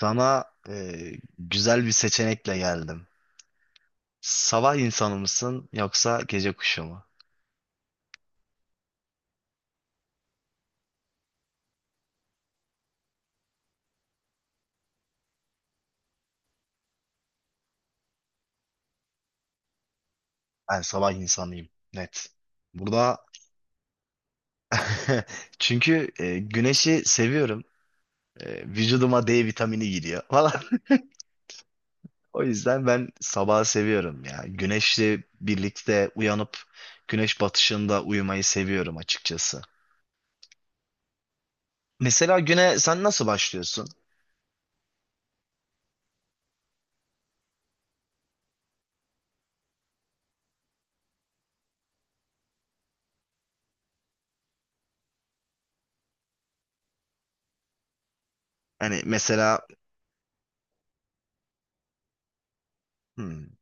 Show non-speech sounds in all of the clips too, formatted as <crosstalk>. Sana güzel bir seçenekle geldim. Sabah insanı mısın yoksa gece kuşu mu? Ben sabah insanıyım, net. Burada <laughs> çünkü güneşi seviyorum. Vücuduma D vitamini giriyor falan. <laughs> O yüzden ben sabahı seviyorum ya. Güneşle birlikte uyanıp güneş batışında uyumayı seviyorum açıkçası. Mesela güne sen nasıl başlıyorsun? Hani mesela hmm,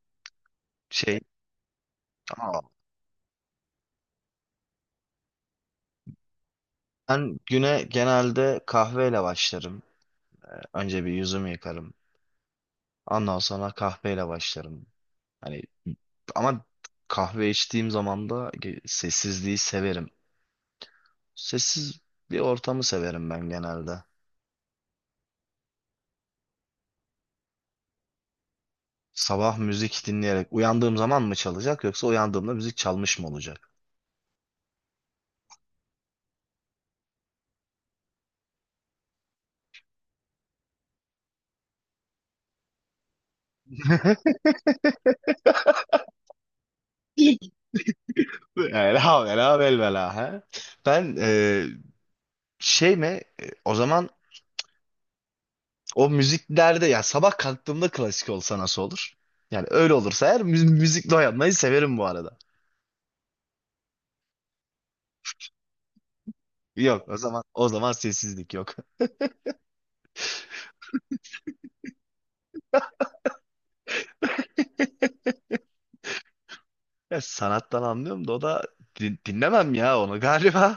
şey, aa, ben güne genelde kahveyle başlarım. Önce bir yüzümü yıkarım. Ondan sonra kahveyle başlarım. Hani ama kahve içtiğim zaman da sessizliği severim. Sessiz bir ortamı severim ben genelde. Sabah müzik dinleyerek uyandığım zaman mı çalacak yoksa uyandığımda müzik çalmış mı olacak? <laughs> Ela vela vel vela he. Ben şey mi o zaman o müziklerde ya sabah kalktığımda klasik olsa nasıl olur? Yani öyle olursa eğer müzikle uyanmayı severim bu arada. Yok o zaman o zaman sessizlik yok. <laughs> Ya sanattan anlıyorum da o da dinlemem ya onu galiba.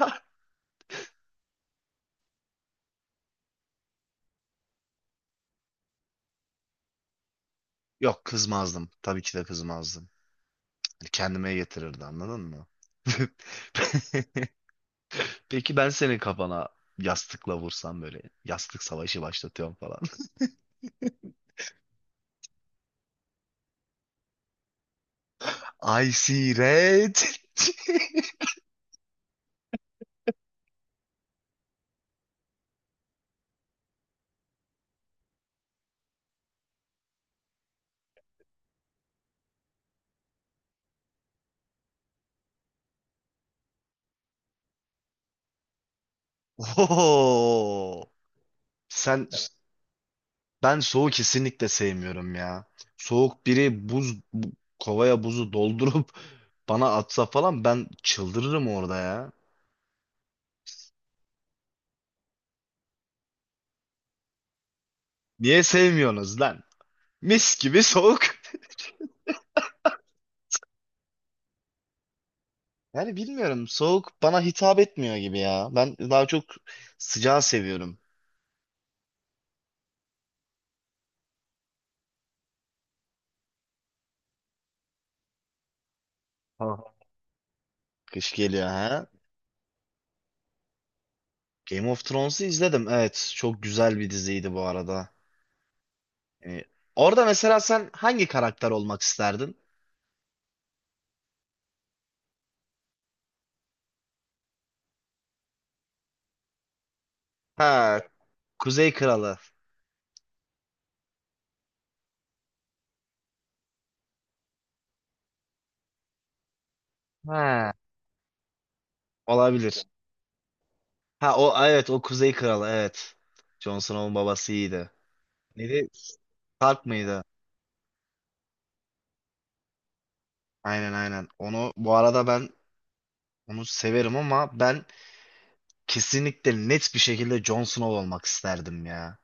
<laughs> Yok kızmazdım. Tabii ki de kızmazdım. Hani kendime getirirdi anladın mı? <laughs> Peki ben senin kafana yastıkla vursam böyle yastık savaşı başlatıyorum falan. <laughs> I see red. <laughs> Oo. Sen ben soğuğu kesinlikle sevmiyorum ya. Soğuk biri kovaya buzu doldurup <laughs> bana atsa falan ben çıldırırım orada ya. Niye sevmiyorsunuz lan? Mis gibi soğuk. Yani bilmiyorum. Soğuk bana hitap etmiyor gibi ya. Ben daha çok sıcağı seviyorum. Aha. Kış geliyor ha. Game of Thrones'u izledim. Evet, çok güzel bir diziydi bu arada. Yani orada mesela sen hangi karakter olmak isterdin? Ha, Kuzey Kralı. Ha, olabilir. Ha o evet o Kuzey Kralı evet. Jon Snow'un babası iyiydi. Neydi? Stark mıydı? Aynen aynen. Onu bu arada ben severim ama ben kesinlikle net bir şekilde Jon Snow olmak isterdim ya.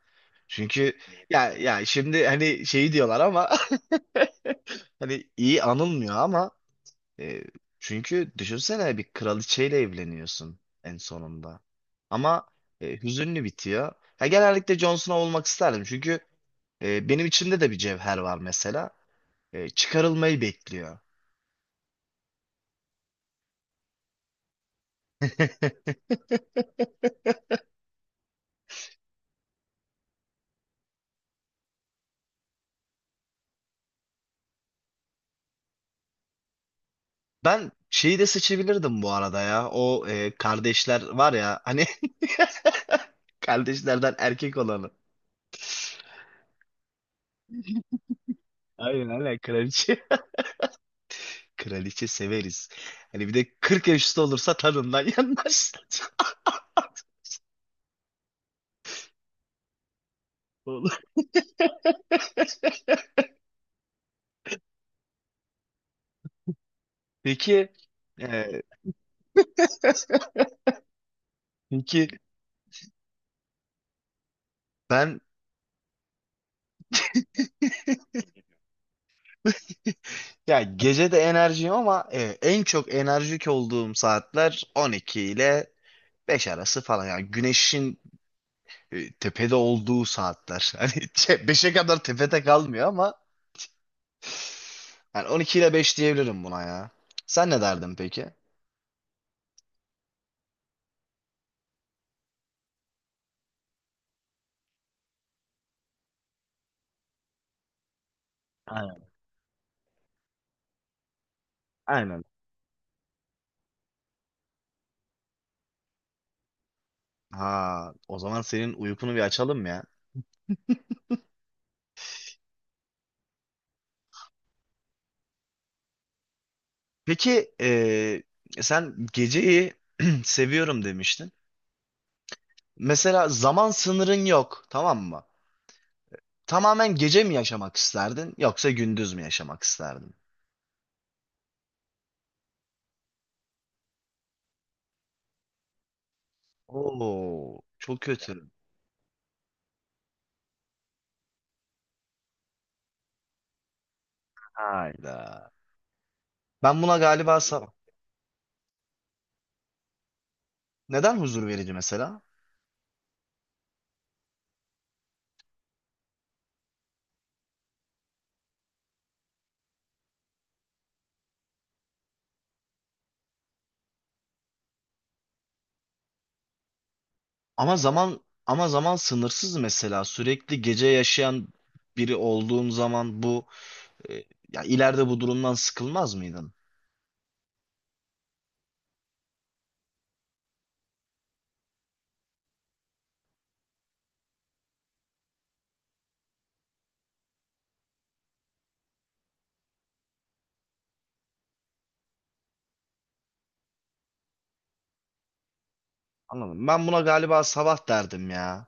Çünkü ya şimdi hani şeyi diyorlar ama <laughs> hani iyi anılmıyor ama e, çünkü düşünsene bir kraliçeyle evleniyorsun en sonunda. Ama hüzünlü bitiyor. Ya genellikle Jon Snow olmak isterdim çünkü benim içimde de bir cevher var mesela. Çıkarılmayı bekliyor. Ben şeyi de seçebilirdim bu arada ya. O kardeşler var ya hani <laughs> kardeşlerden erkek olanı. Aynen aynen kraliçe. <laughs> Kraliçe severiz. Hani bir de 40 yaş üstü olursa tadından yanmaz. <laughs> Olur. Peki e, peki ben ya gece de enerjiyim ama en çok enerjik olduğum saatler 12 ile 5 arası falan. Yani güneşin tepede olduğu saatler. <laughs> Hani beşe kadar tepede kalmıyor ama yani 12 ile 5 diyebilirim buna ya. Sen ne derdin peki? Aynen. Aynen. Ha, o zaman senin uykunu bir açalım ya. Peki sen geceyi <clears throat> seviyorum demiştin. Mesela zaman sınırın yok, tamam mı? Tamamen gece mi yaşamak isterdin yoksa gündüz mü yaşamak isterdin? Oo, çok kötü. Hayda. Ben buna galiba neden huzur verici mesela? Ama zaman sınırsız mesela sürekli gece yaşayan biri olduğun zaman e, ya ileride bu durumdan sıkılmaz mıydın? Anladım. Ben buna galiba sabah derdim ya.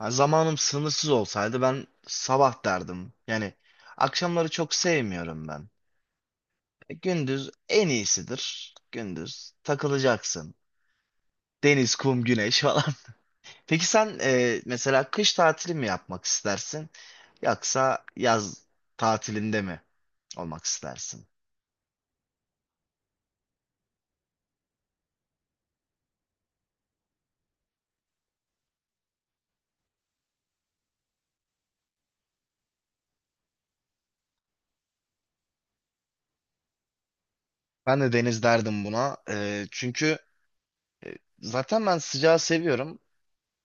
Yani zamanım sınırsız olsaydı ben sabah derdim. Yani akşamları çok sevmiyorum ben. Gündüz en iyisidir. Gündüz takılacaksın. Deniz, kum, güneş falan. <laughs> Peki sen mesela kış tatili mi yapmak istersin? Yoksa yaz tatilinde mi olmak istersin? Ben de deniz derdim buna. Çünkü zaten ben sıcağı seviyorum.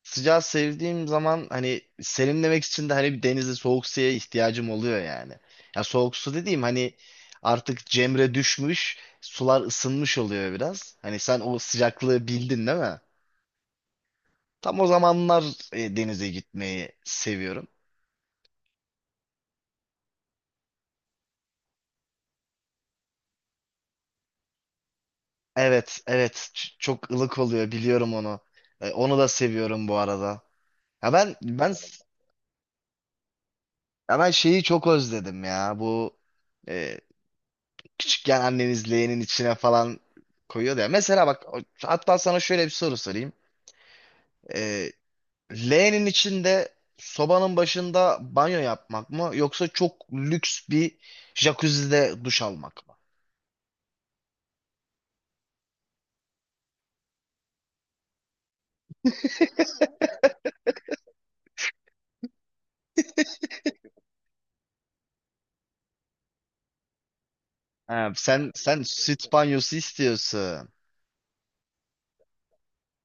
Sıcağı sevdiğim zaman hani serinlemek için de hani bir denizde soğuk suya ihtiyacım oluyor yani. Ya soğuk su dediğim hani artık cemre düşmüş, sular ısınmış oluyor biraz. Hani sen o sıcaklığı bildin değil mi? Tam o zamanlar denize gitmeyi seviyorum. Evet, evet. Çok ılık oluyor biliyorum onu. Onu da seviyorum bu arada. Ya ben şeyi çok özledim ya. Bu e, küçükken anneniz leğenin içine falan koyuyordu ya. Mesela bak hatta sana şöyle bir soru sorayım. Ee, Leğenin içinde sobanın başında banyo yapmak mı yoksa çok lüks bir jacuzzi'de duş almak mı? Ha, sen süt banyosu istiyorsun.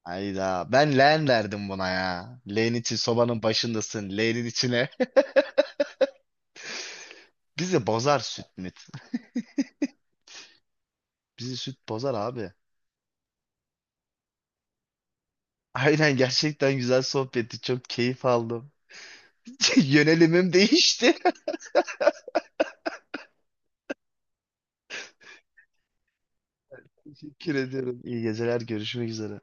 Hayda ben leğen derdim buna ya. Leğen için sobanın başındasın leğenin içine. <laughs> Bizi bozar süt müt. Bizi süt bozar abi. Aynen gerçekten güzel sohbetti. Çok keyif aldım. <laughs> Yönelimim değişti. <laughs> Teşekkür ediyorum. İyi geceler. Görüşmek üzere.